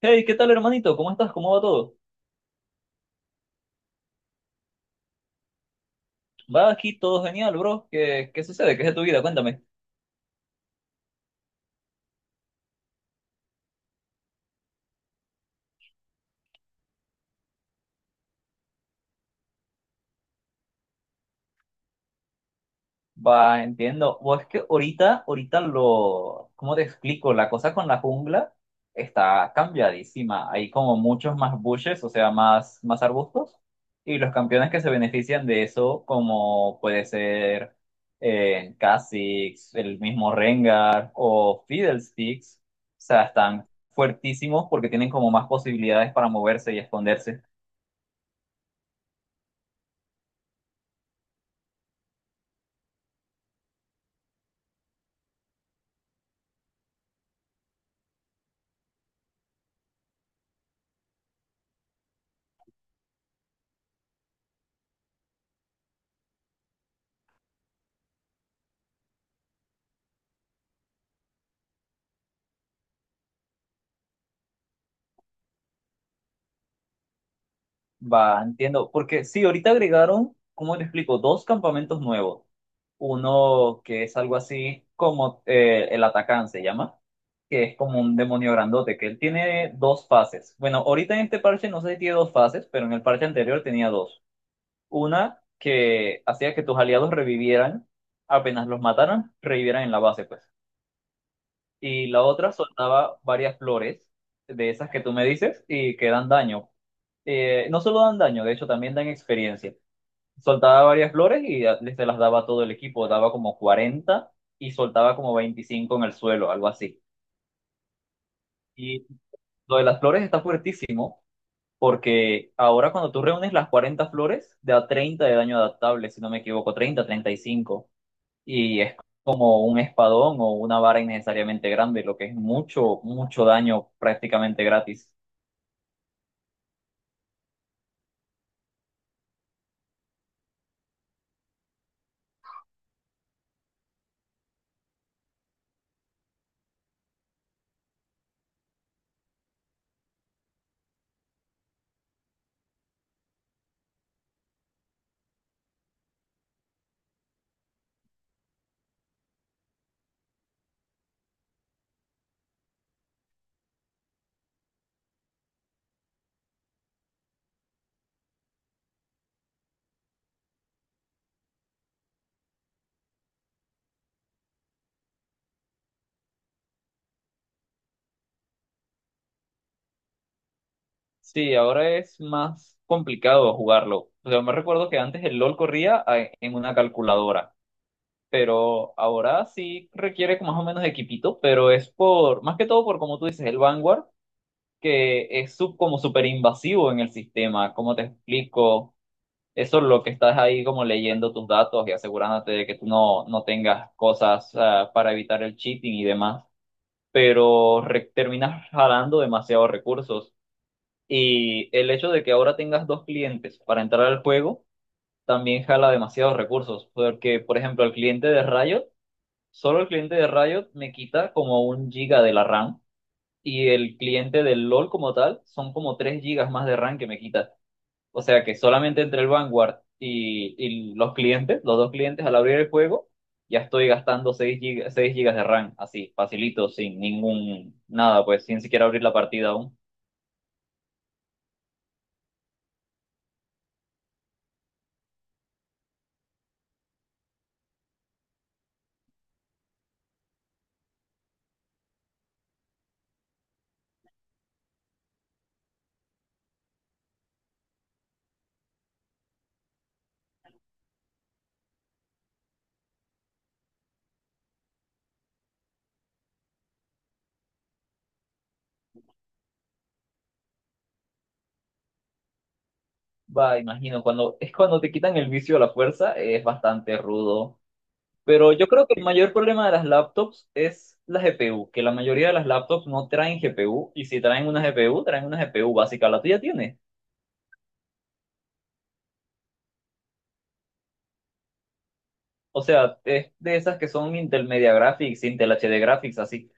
Hey, ¿qué tal, hermanito? ¿Cómo estás? ¿Cómo va todo? Va aquí todo genial, bro. ¿Qué sucede? ¿Qué es de tu vida? Cuéntame. Va, entiendo. O es que ahorita ¿cómo te explico? La cosa con la jungla está cambiadísima. Hay como muchos más bushes, o sea, más arbustos. Y los campeones que se benefician de eso, como puede ser Kha'Zix, el mismo Rengar o Fiddlesticks, o sea, están fuertísimos porque tienen como más posibilidades para moverse y esconderse. Va, entiendo. Porque sí, ahorita agregaron, ¿cómo te explico? Dos campamentos nuevos. Uno que es algo así como el Atacán se llama, que es como un demonio grandote, que él tiene dos fases. Bueno, ahorita en este parche no sé si tiene dos fases, pero en el parche anterior tenía dos. Una que hacía que tus aliados revivieran, apenas los mataran, revivieran en la base, pues, y la otra soltaba varias flores de esas que tú me dices y que dan daño. No solo dan daño, de hecho también dan experiencia. Soltaba varias flores y se las daba a todo el equipo, daba como 40 y soltaba como 25 en el suelo, algo así. Y lo de las flores está fuertísimo porque ahora cuando tú reúnes las 40 flores, da 30 de daño adaptable, si no me equivoco, 30 35, y es como un espadón o una vara innecesariamente grande, lo que es mucho, mucho daño prácticamente gratis. Sí, ahora es más complicado jugarlo. Yo me recuerdo que antes el LOL corría en una calculadora, pero ahora sí requiere más o menos de equipito, pero es por, más que todo por, como tú dices, el Vanguard, que es como súper invasivo en el sistema. ¿Cómo te explico? Eso es lo que estás ahí como leyendo tus datos y asegurándote de que tú no tengas cosas para evitar el cheating y demás, pero terminas jalando demasiados recursos. Y el hecho de que ahora tengas dos clientes para entrar al juego también jala demasiados recursos, porque por ejemplo el cliente de Riot, solo el cliente de Riot me quita como un giga de la RAM y el cliente del LOL como tal son como tres gigas más de RAM que me quita. O sea que solamente entre el Vanguard y los clientes, los dos clientes al abrir el juego, ya estoy gastando 6 gigas de RAM, así, facilito, sin ningún, nada, pues sin siquiera abrir la partida aún. Va, imagino, cuando es cuando te quitan el vicio a la fuerza, es bastante rudo. Pero yo creo que el mayor problema de las laptops es la GPU, que la mayoría de las laptops no traen GPU, y si traen una GPU, traen una GPU básica, la tuya tiene. O sea, es de esas que son Intel Media Graphics, Intel HD Graphics, así.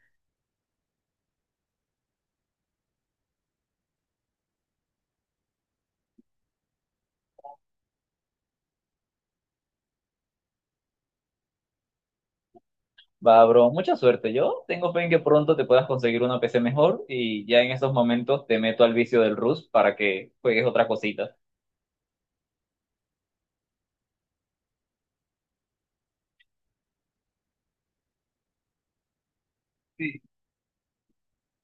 Va, bro, mucha suerte. Yo tengo fe en que pronto te puedas conseguir una PC mejor y ya en esos momentos te meto al vicio del Rust para que juegues otra cosita. Sí.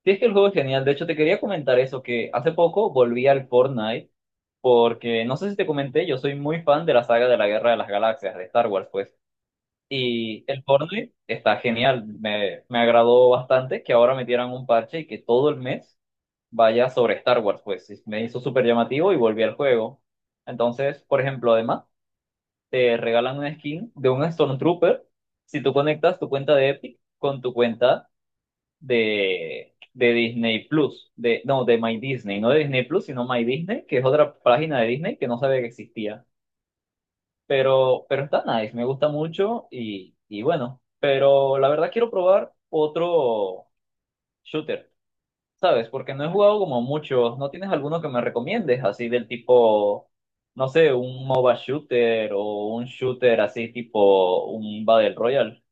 Sí, es que el juego es genial. De hecho, te quería comentar eso, que hace poco volví al Fortnite porque no sé si te comenté, yo soy muy fan de la saga de la Guerra de las Galaxias, de Star Wars, pues. Y el Fortnite está genial, me agradó bastante que ahora metieran un parche y que todo el mes vaya sobre Star Wars, pues, y me hizo súper llamativo y volví al juego. Entonces, por ejemplo, además, te regalan una skin de un Stormtrooper si tú conectas tu cuenta de Epic con tu cuenta de Disney Plus, no, de My Disney, no de Disney Plus, sino My Disney, que es otra página de Disney que no sabía que existía. Pero está nice, me gusta mucho y bueno, pero la verdad quiero probar otro shooter, ¿sabes? Porque no he jugado como muchos, ¿no tienes alguno que me recomiendes así del tipo, no sé, un MOBA shooter o un shooter así tipo un Battle Royale?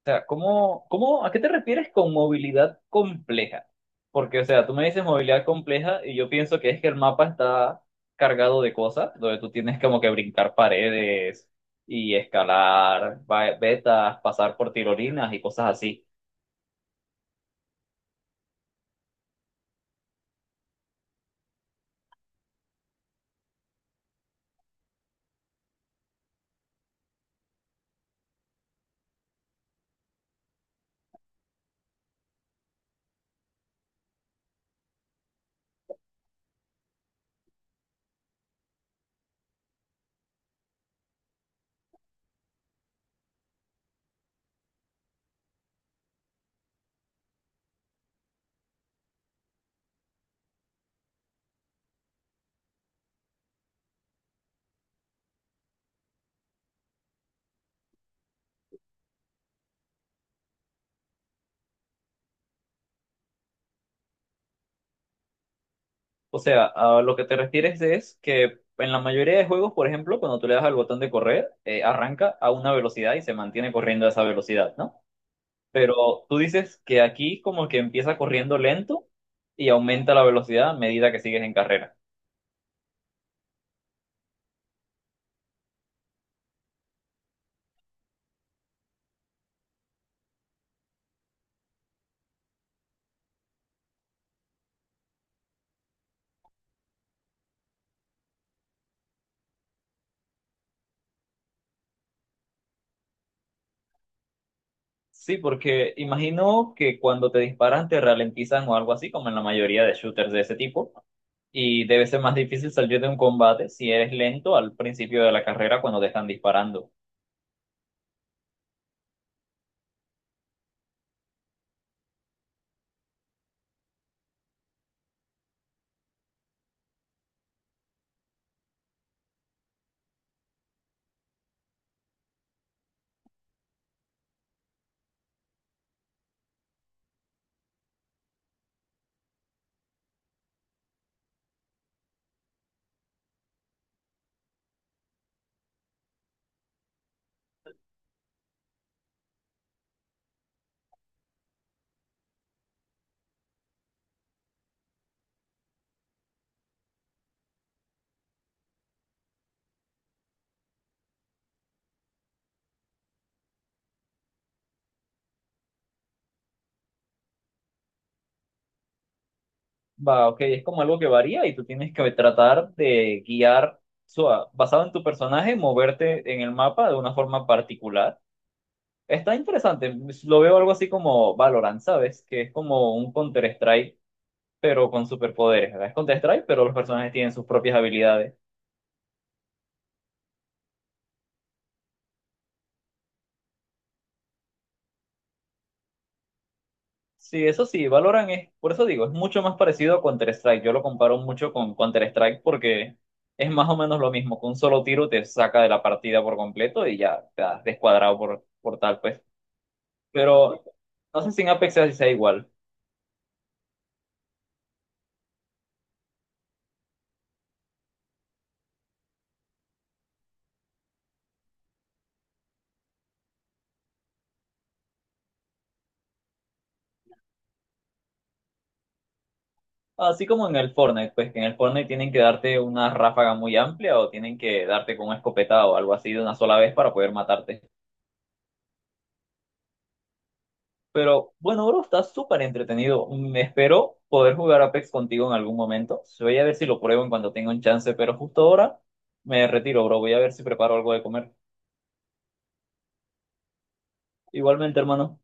O sea, ¿cómo, a qué te refieres con movilidad compleja? Porque, o sea, tú me dices movilidad compleja y yo pienso que es que el mapa está cargado de cosas, donde tú tienes como que brincar paredes y escalar vetas, pasar por tirolinas y cosas así. O sea, a lo que te refieres es que en la mayoría de juegos, por ejemplo, cuando tú le das al botón de correr, arranca a una velocidad y se mantiene corriendo a esa velocidad, ¿no? Pero tú dices que aquí como que empieza corriendo lento y aumenta la velocidad a medida que sigues en carrera. Sí, porque imagino que cuando te disparan te ralentizan o algo así, como en la mayoría de shooters de ese tipo, y debe ser más difícil salir de un combate si eres lento al principio de la carrera cuando te están disparando. Va, ok, es como algo que varía y tú tienes que tratar de guiar, o sea, basado en tu personaje, moverte en el mapa de una forma particular. Está interesante. Lo veo algo así como Valorant, ¿sabes? Que es como un Counter-Strike, pero con superpoderes, ¿verdad? Es Counter-Strike, pero los personajes tienen sus propias habilidades. Sí, eso sí, Valorant es, por eso digo, es mucho más parecido a Counter-Strike. Yo lo comparo mucho con Counter-Strike porque es más o menos lo mismo. Con un solo tiro te saca de la partida por completo y ya te has descuadrado por tal, pues. Pero no sé si en Apex sea igual. Así como en el Fortnite, pues que en el Fortnite tienen que darte una ráfaga muy amplia o tienen que darte con una escopeta o algo así de una sola vez para poder matarte. Pero bueno, bro, está súper entretenido. Espero poder jugar Apex contigo en algún momento. Voy a ver si lo pruebo en cuanto tenga un chance, pero justo ahora me retiro, bro. Voy a ver si preparo algo de comer. Igualmente, hermano.